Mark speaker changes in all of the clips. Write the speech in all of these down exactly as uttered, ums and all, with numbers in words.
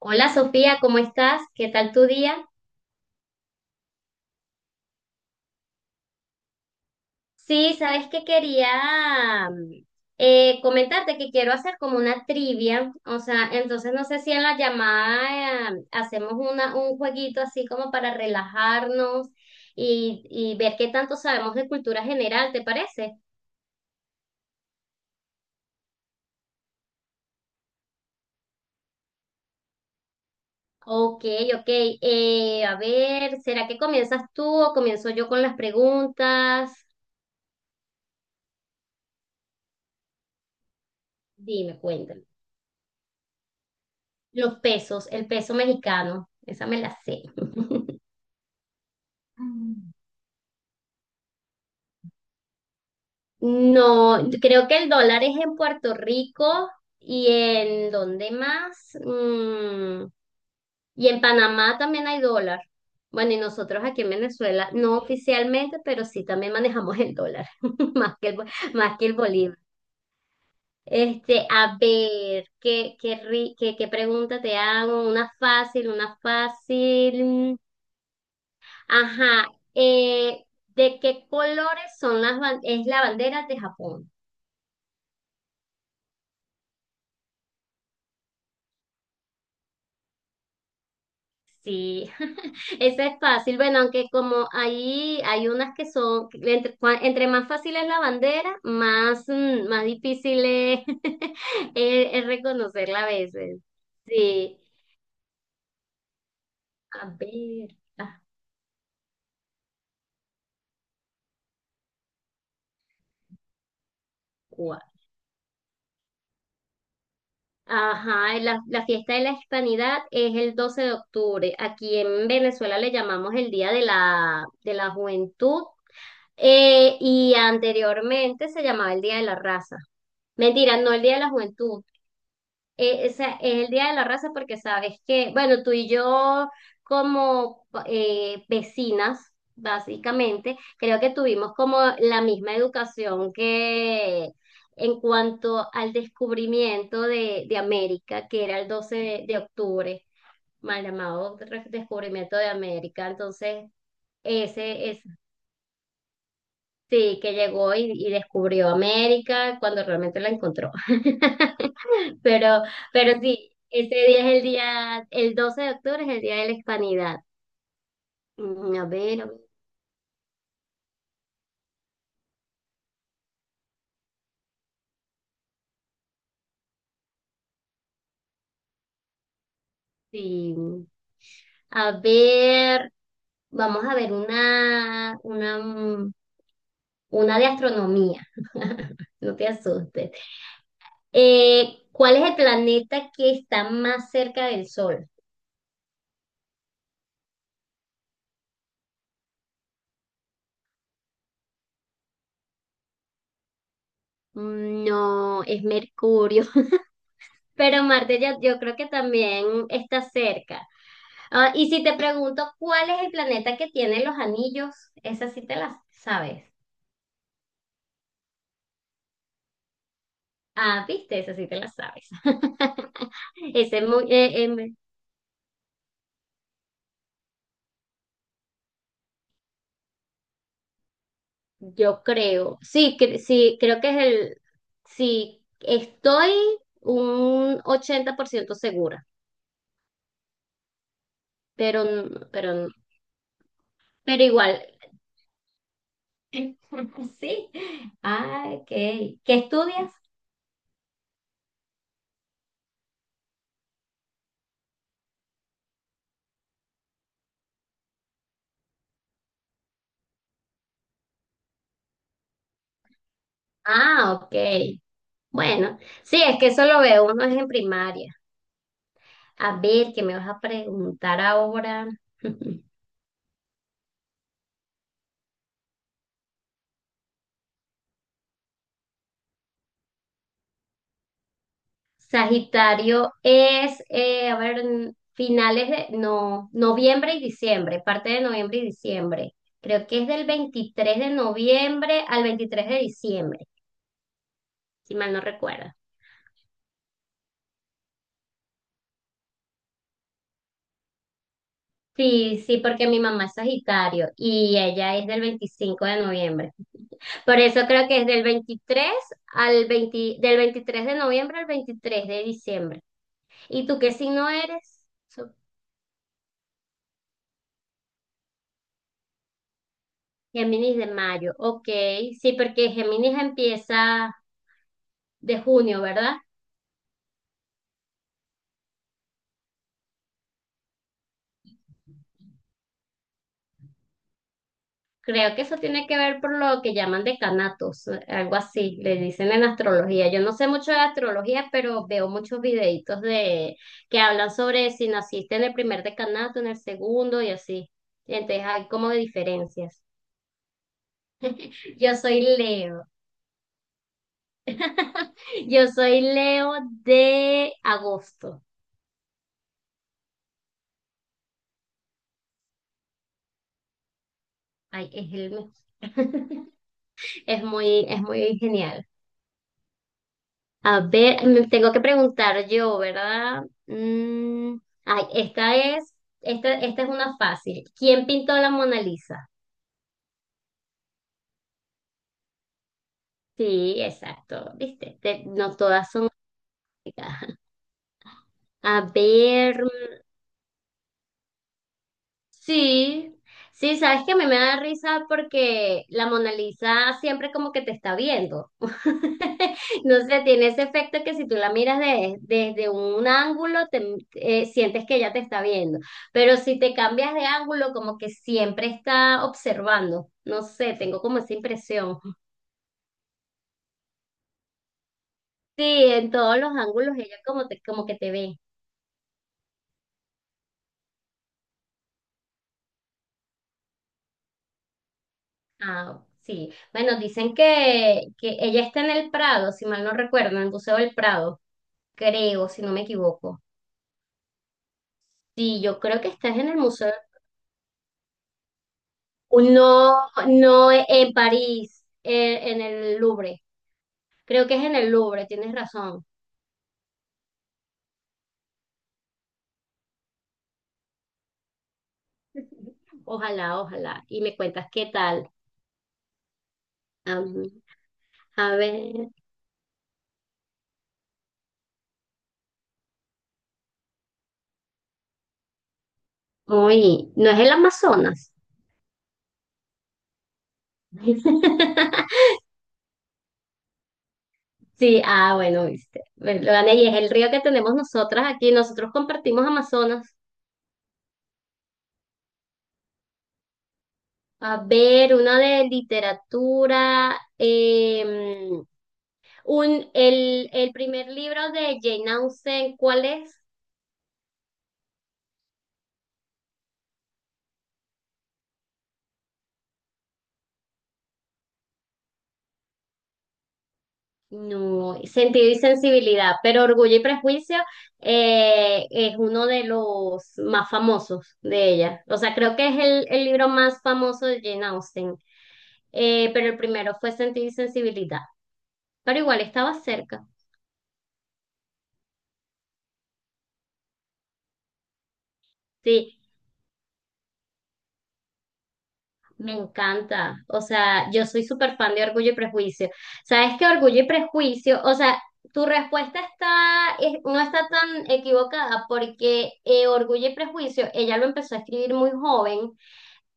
Speaker 1: Hola Sofía, ¿cómo estás? ¿Qué tal tu día? Sí, sabes que quería mm, eh, comentarte que quiero hacer como una trivia, o sea, entonces no sé si en la llamada eh, hacemos una, un jueguito así como para relajarnos y, y ver qué tanto sabemos de cultura general, ¿te parece? Ok, ok. Eh, a ver, ¿será que comienzas tú o comienzo yo con las preguntas? Dime, cuéntame. Los pesos, el peso mexicano, esa me la sé. No, creo que el dólar es en Puerto Rico y en ¿dónde más? Mm, y en Panamá también hay dólar. Bueno, y nosotros aquí en Venezuela, no oficialmente, pero sí también manejamos el dólar, más que el, bo- más que el bolívar. Este, a ver, ¿qué, qué, ri- qué, qué pregunta te hago? Una fácil, una fácil. Ajá, eh, ¿de qué colores son las, ban- es la bandera de Japón? Sí, esa es fácil. Bueno, aunque como ahí hay unas que son, entre, cua- entre más fácil es la bandera, más, mm, más difícil es, es- es reconocerla a veces. Sí, a ver, Pascua. Ajá, la, la fiesta de la hispanidad es el doce de octubre. Aquí en Venezuela le llamamos el Día de la, de la Juventud, eh, y anteriormente se llamaba el Día de la Raza. Mentira, no el Día de la Juventud. Eh, o sea, es el Día de la Raza porque sabes que, bueno, tú y yo como eh, vecinas, básicamente, creo que tuvimos como la misma educación que en cuanto al descubrimiento de, de América, que era el doce de, de octubre, mal llamado re- descubrimiento de América. Entonces, ese es, sí, que llegó y, y descubrió América cuando realmente la encontró. Pero, pero sí, ese día es el día, el doce de octubre es el día de la hispanidad. Mm, A ver, a ver, sí. A ver, vamos a ver una, una, mm, una de astronomía. No te asustes. Eh, ¿cuál es el planeta que está más cerca del Sol? Mm, no, es Mercurio. Pero Marte ya, yo creo que también está cerca. Ah, y si te pregunto cuál es el planeta que tiene los anillos, esa sí te la sabes. Ah, viste, esa sí te la sabes. Ese es muy, eh, em, yo creo, sí, cre- sí, creo que es el, sí, estoy un ochenta por ciento segura, pero, n- pero, n- pero igual, sí. Ah, ok. ¿Qué estudias? Ah, ok. Bueno, sí, es que eso lo ve uno es en primaria. A ver, ¿qué me vas a preguntar ahora? Sagitario es, eh, a ver, n- finales de, no, noviembre y diciembre, parte de noviembre y diciembre. Creo que es del veintitrés de noviembre al veintitrés de diciembre, si mal no recuerdo. Sí, sí, porque mi mamá es Sagitario y ella es del veinticinco de noviembre. Por eso creo que es del veintitrés al veinte del veintitrés de noviembre al veintitrés de diciembre. ¿Y tú qué signo eres? So- Géminis de mayo, ok. Sí, porque Géminis empieza de junio, ¿verdad? Creo que eso tiene que ver por lo que llaman decanatos, eh, algo así, le dicen en astrología. Yo no sé mucho de astrología, pero veo muchos videitos de que hablan sobre si naciste en el primer decanato, en el segundo y así. Entonces hay como diferencias. Yo soy Leo. Yo soy Leo de agosto. Ay, es el mejor. Es muy, es muy genial. A ver, me tengo que preguntar yo, ¿verdad? Mm, ay, esta es, esta, esta es una fácil. ¿Quién pintó la Mona Lisa? Sí, exacto, ¿viste? Te- no todas son. A ver. Sí, sí, sabes que a mí me da risa porque la Mona Lisa siempre como que te está viendo. No sé, tiene ese efecto que si tú la miras de- desde un ángulo, te, eh, sientes que ella te está viendo. Pero si te cambias de ángulo, como que siempre está observando. No sé, tengo como esa impresión. Sí, en todos los ángulos ella como, te, como que te ve. Ah, sí. Bueno, dicen que, que ella está en el Prado, si mal no recuerdo, en el Museo del Prado. Creo, si no me equivoco. Sí, yo creo que estás en el museo, no, no en París, eh, en el Louvre. Creo que es en el Louvre, tienes razón. Ojalá, ojalá. Y me cuentas qué tal. Am, a ver, uy, ¿no es el Amazonas? Sí, ah, bueno, viste. Bueno, lo gané y es el río que tenemos nosotras aquí. Nosotros compartimos Amazonas. A ver, una de literatura. em, Un, el, el primer libro de Jane Austen, ¿cuál es? No, Sentido y Sensibilidad, pero Orgullo y Prejuicio eh, es uno de los más famosos de ella. O sea, creo que es el, el libro más famoso de Jane Austen. Eh, pero el primero fue Sentido y Sensibilidad, pero igual estaba cerca. Sí, me encanta. O sea, yo soy súper fan de Orgullo y Prejuicio. ¿Sabes qué? Orgullo y Prejuicio, o sea, tu respuesta está, es- no está tan equivocada porque eh, Orgullo y Prejuicio, ella lo empezó a escribir muy joven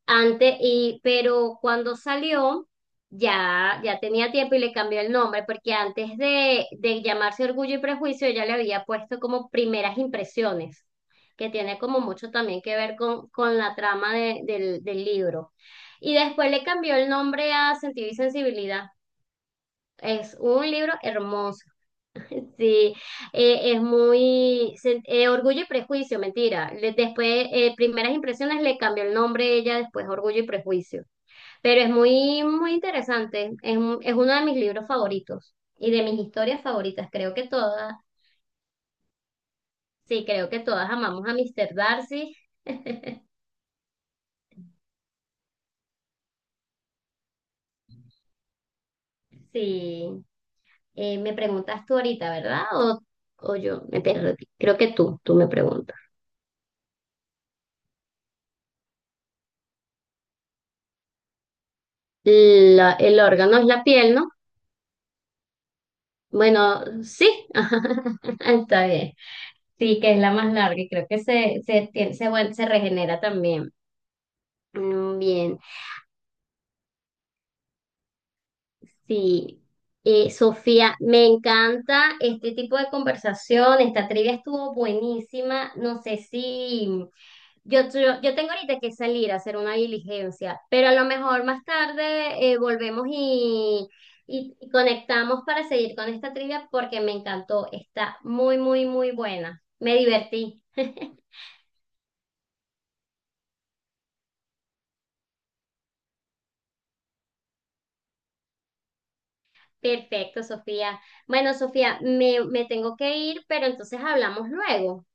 Speaker 1: antes, y, pero cuando salió, ya, ya tenía tiempo y le cambió el nombre, porque antes de, de llamarse Orgullo y Prejuicio, ella le había puesto como Primeras Impresiones, que tiene como mucho también que ver con, con la trama de- del, del libro. Y después le cambió el nombre a Sentido y Sensibilidad. Es un libro hermoso. Sí, eh, es muy se- eh, Orgullo y Prejuicio, mentira. Le- después, eh, Primeras Impresiones le cambió el nombre ella, después Orgullo y Prejuicio. Pero es muy, muy interesante. Es, un- es uno de mis libros favoritos y de mis historias favoritas. Creo que todas, sí, creo que todas amamos a míster Darcy. Sí, eh, me preguntas tú ahorita, ¿verdad? O, o yo me perdí. Creo que tú, tú me preguntas. La- el órgano es la piel, ¿no? Bueno, sí, está bien. Sí, que es la más larga y creo que se, se, tiene- se, vuel- se regenera también. Mm, bien. Sí, Eh, Sofía, me encanta este tipo de conversación. Esta trivia estuvo buenísima. No sé si mm, yo, yo, yo tengo ahorita que salir a hacer una diligencia, pero a lo mejor más tarde eh, volvemos y, y y conectamos para seguir con esta trivia porque me encantó. Está muy, muy, muy buena. Me divertí. Perfecto, Sofía. Bueno, Sofía, me, me tengo que ir, pero entonces hablamos luego.